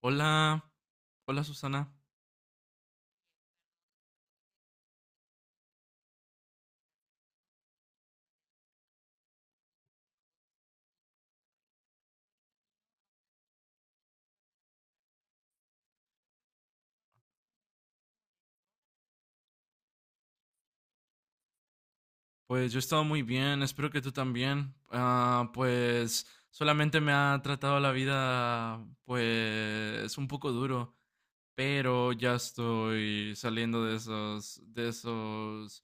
Hola, hola Susana. Pues yo he estado muy bien, espero que tú también. Pues solamente me ha tratado la vida pues un poco duro, pero ya estoy saliendo de esos,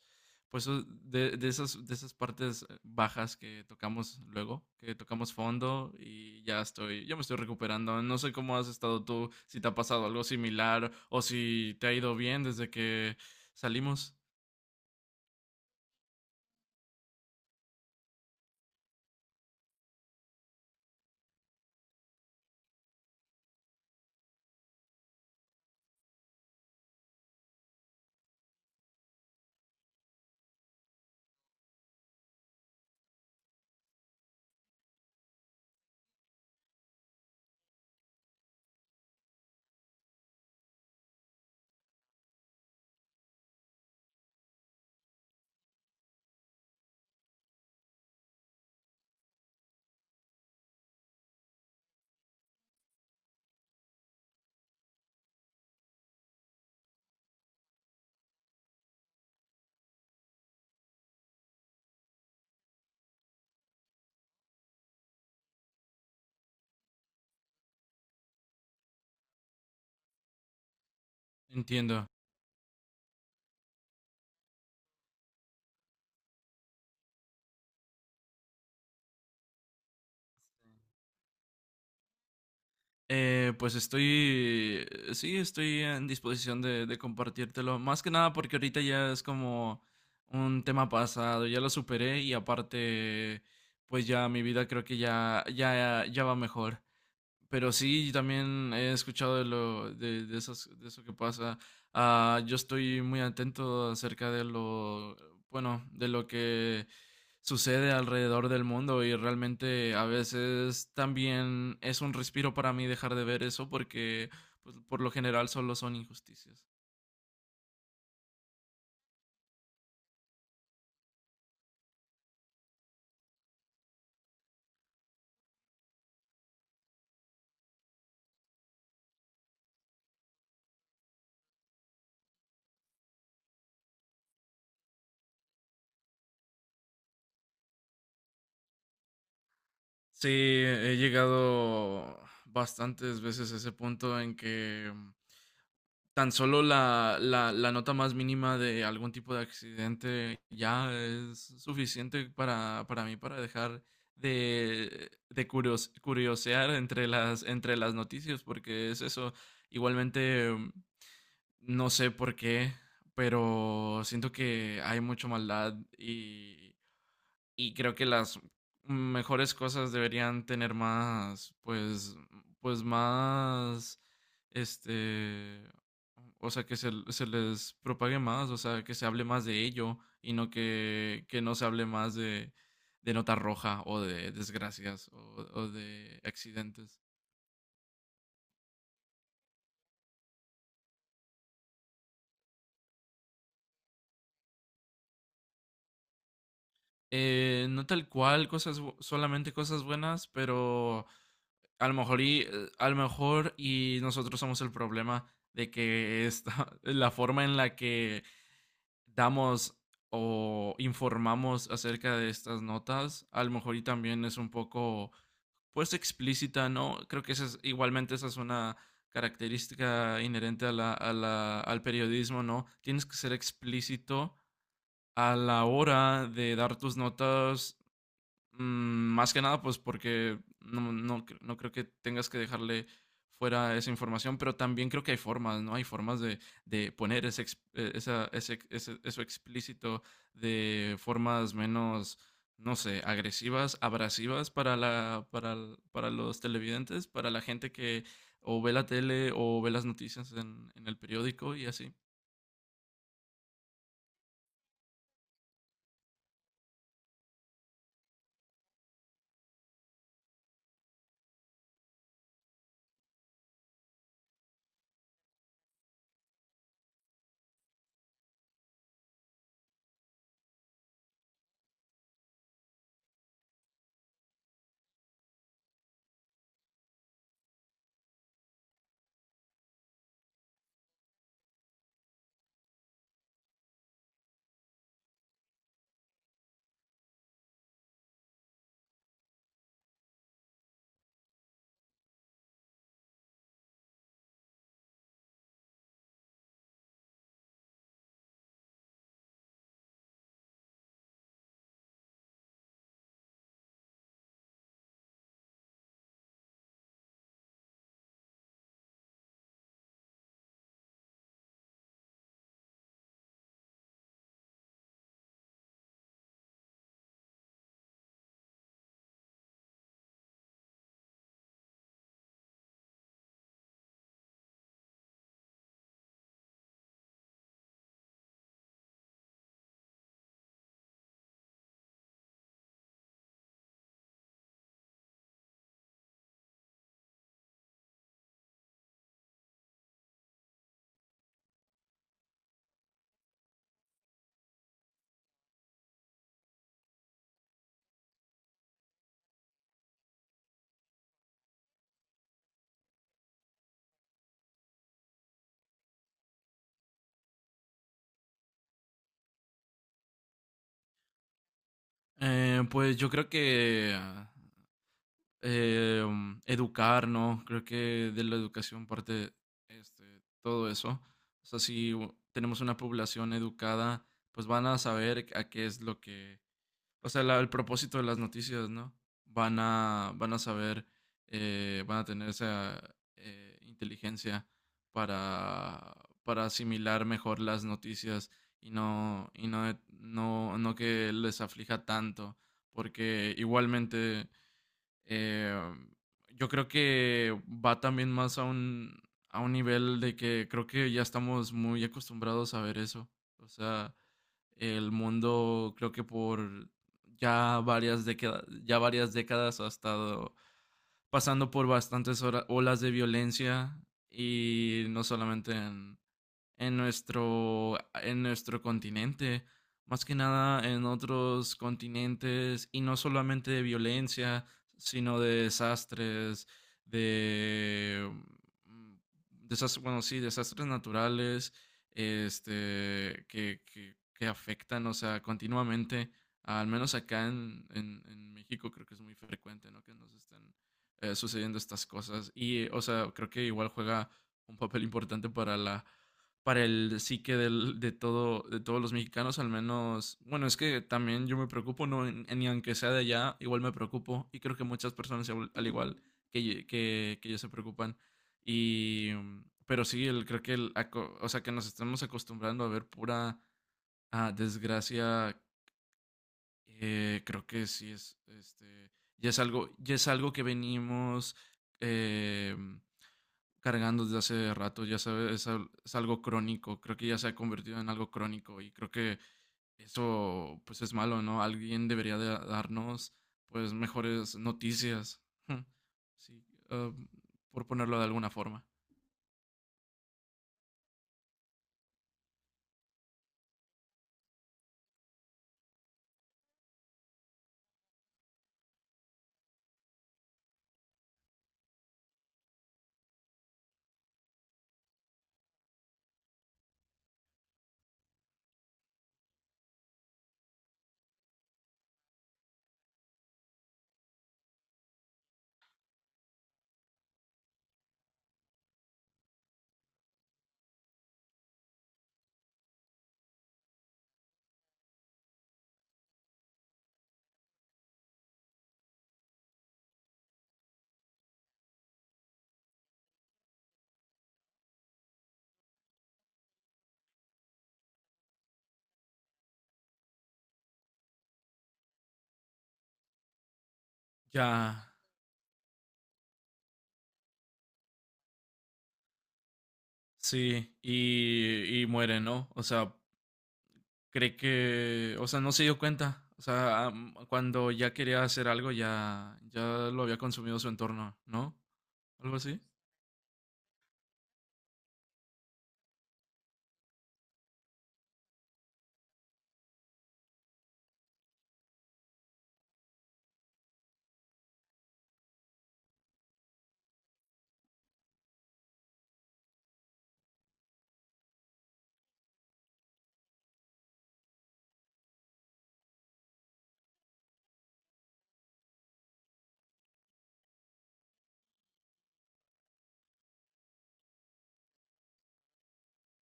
pues o- de esas partes bajas que tocamos luego, que tocamos fondo y ya estoy, ya me estoy recuperando. No sé cómo has estado tú, si te ha pasado algo similar o si te ha ido bien desde que salimos. Entiendo. Eh, pues estoy, sí, estoy en disposición de compartírtelo. Más que nada porque ahorita ya es como un tema pasado, ya lo superé y aparte, pues ya mi vida creo que ya va mejor. Pero sí, también he escuchado de esas- de eso que pasa. Yo estoy muy atento acerca de lo, bueno, de lo que sucede alrededor del mundo y realmente a veces también es un respiro para mí dejar de ver eso porque pues, por lo general solo son injusticias. Sí, he llegado bastantes veces a ese punto en que tan solo la nota más mínima de algún tipo de accidente ya es suficiente para mí para dejar de curios- curiosear entre entre las noticias porque es eso. Igualmente, no sé por qué, pero siento que hay mucha maldad y creo que las mejores cosas deberían tener más, pues, pues más, este, o sea, se les propague más, o sea, que se hable más de ello y no que, que no se hable más de nota roja o de desgracias o de accidentes. No tal cual, cosas, bu- solamente cosas buenas, pero a lo mejor y, a lo mejor y nosotros somos el problema de que esta, la forma en la que damos o informamos acerca de estas notas, a lo mejor y también es un poco, pues, explícita, ¿no? Creo que esa es, igualmente esa es una característica inherente a la- al periodismo, ¿no? Tienes que ser explícito a la hora de dar tus notas. Más que nada, pues porque no, no, cre- no creo que tengas que dejarle fuera esa información, pero también creo que hay formas, ¿no? Hay formas de poner ese, ex- esa, eso explícito de formas menos, no sé, agresivas, abrasivas para la, para, l- para los televidentes, para la gente que o ve la tele o ve las noticias en el periódico y así. Pues yo creo que educar, ¿no? Creo que de la educación parte todo eso. O sea, si u- tenemos una población educada, pues van a saber a qué es lo que, o sea, la- el propósito de las noticias, ¿no? Van a saber, van a tener esa inteligencia para, para asimilar mejor las noticias no que les aflija tanto, porque igualmente eh, yo creo que va también más a un nivel de que creo que ya estamos muy acostumbrados a ver eso. O sea, el mundo creo que por ya varias décadas ha estado pasando por bastantes hora- olas de violencia y no solamente en nuestro continente, más que nada en otros continentes, y no solamente de violencia, sino de desastres, bueno, sí, desastres naturales, que afectan, o sea, continuamente, al menos acá en México creo que es muy frecuente, ¿no? Que nos están sucediendo estas cosas. Y, o sea, creo que igual juega un papel importante para la para el psique del, de todo, de todos los mexicanos, al menos, bueno, es que también yo me preocupo, no, en- ni aunque sea de allá, igual me preocupo y creo que muchas personas igual- al igual que, ye- que yo se preocupan. Pero sí, el, creo que, el, aco- o sea, que nos estamos acostumbrando a ver pura desgracia, creo que sí es, ya es algo que venimos, eh, cargando desde hace rato, ya sabes, es, al- es algo crónico, creo que ya se ha convertido en algo crónico y creo que eso pues es malo, ¿no? Alguien debería de darnos pues mejores noticias, sí, ah, por ponerlo de alguna forma. Ya, sí, y muere, ¿no? O sea, cree que, o sea, no se dio cuenta, o sea, am- cuando ya quería hacer algo ya, ya lo había consumido su entorno, ¿no? Algo así.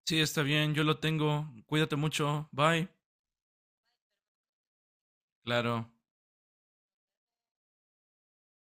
Sí, está bien, yo lo tengo. Cuídate mucho. Bye. Claro.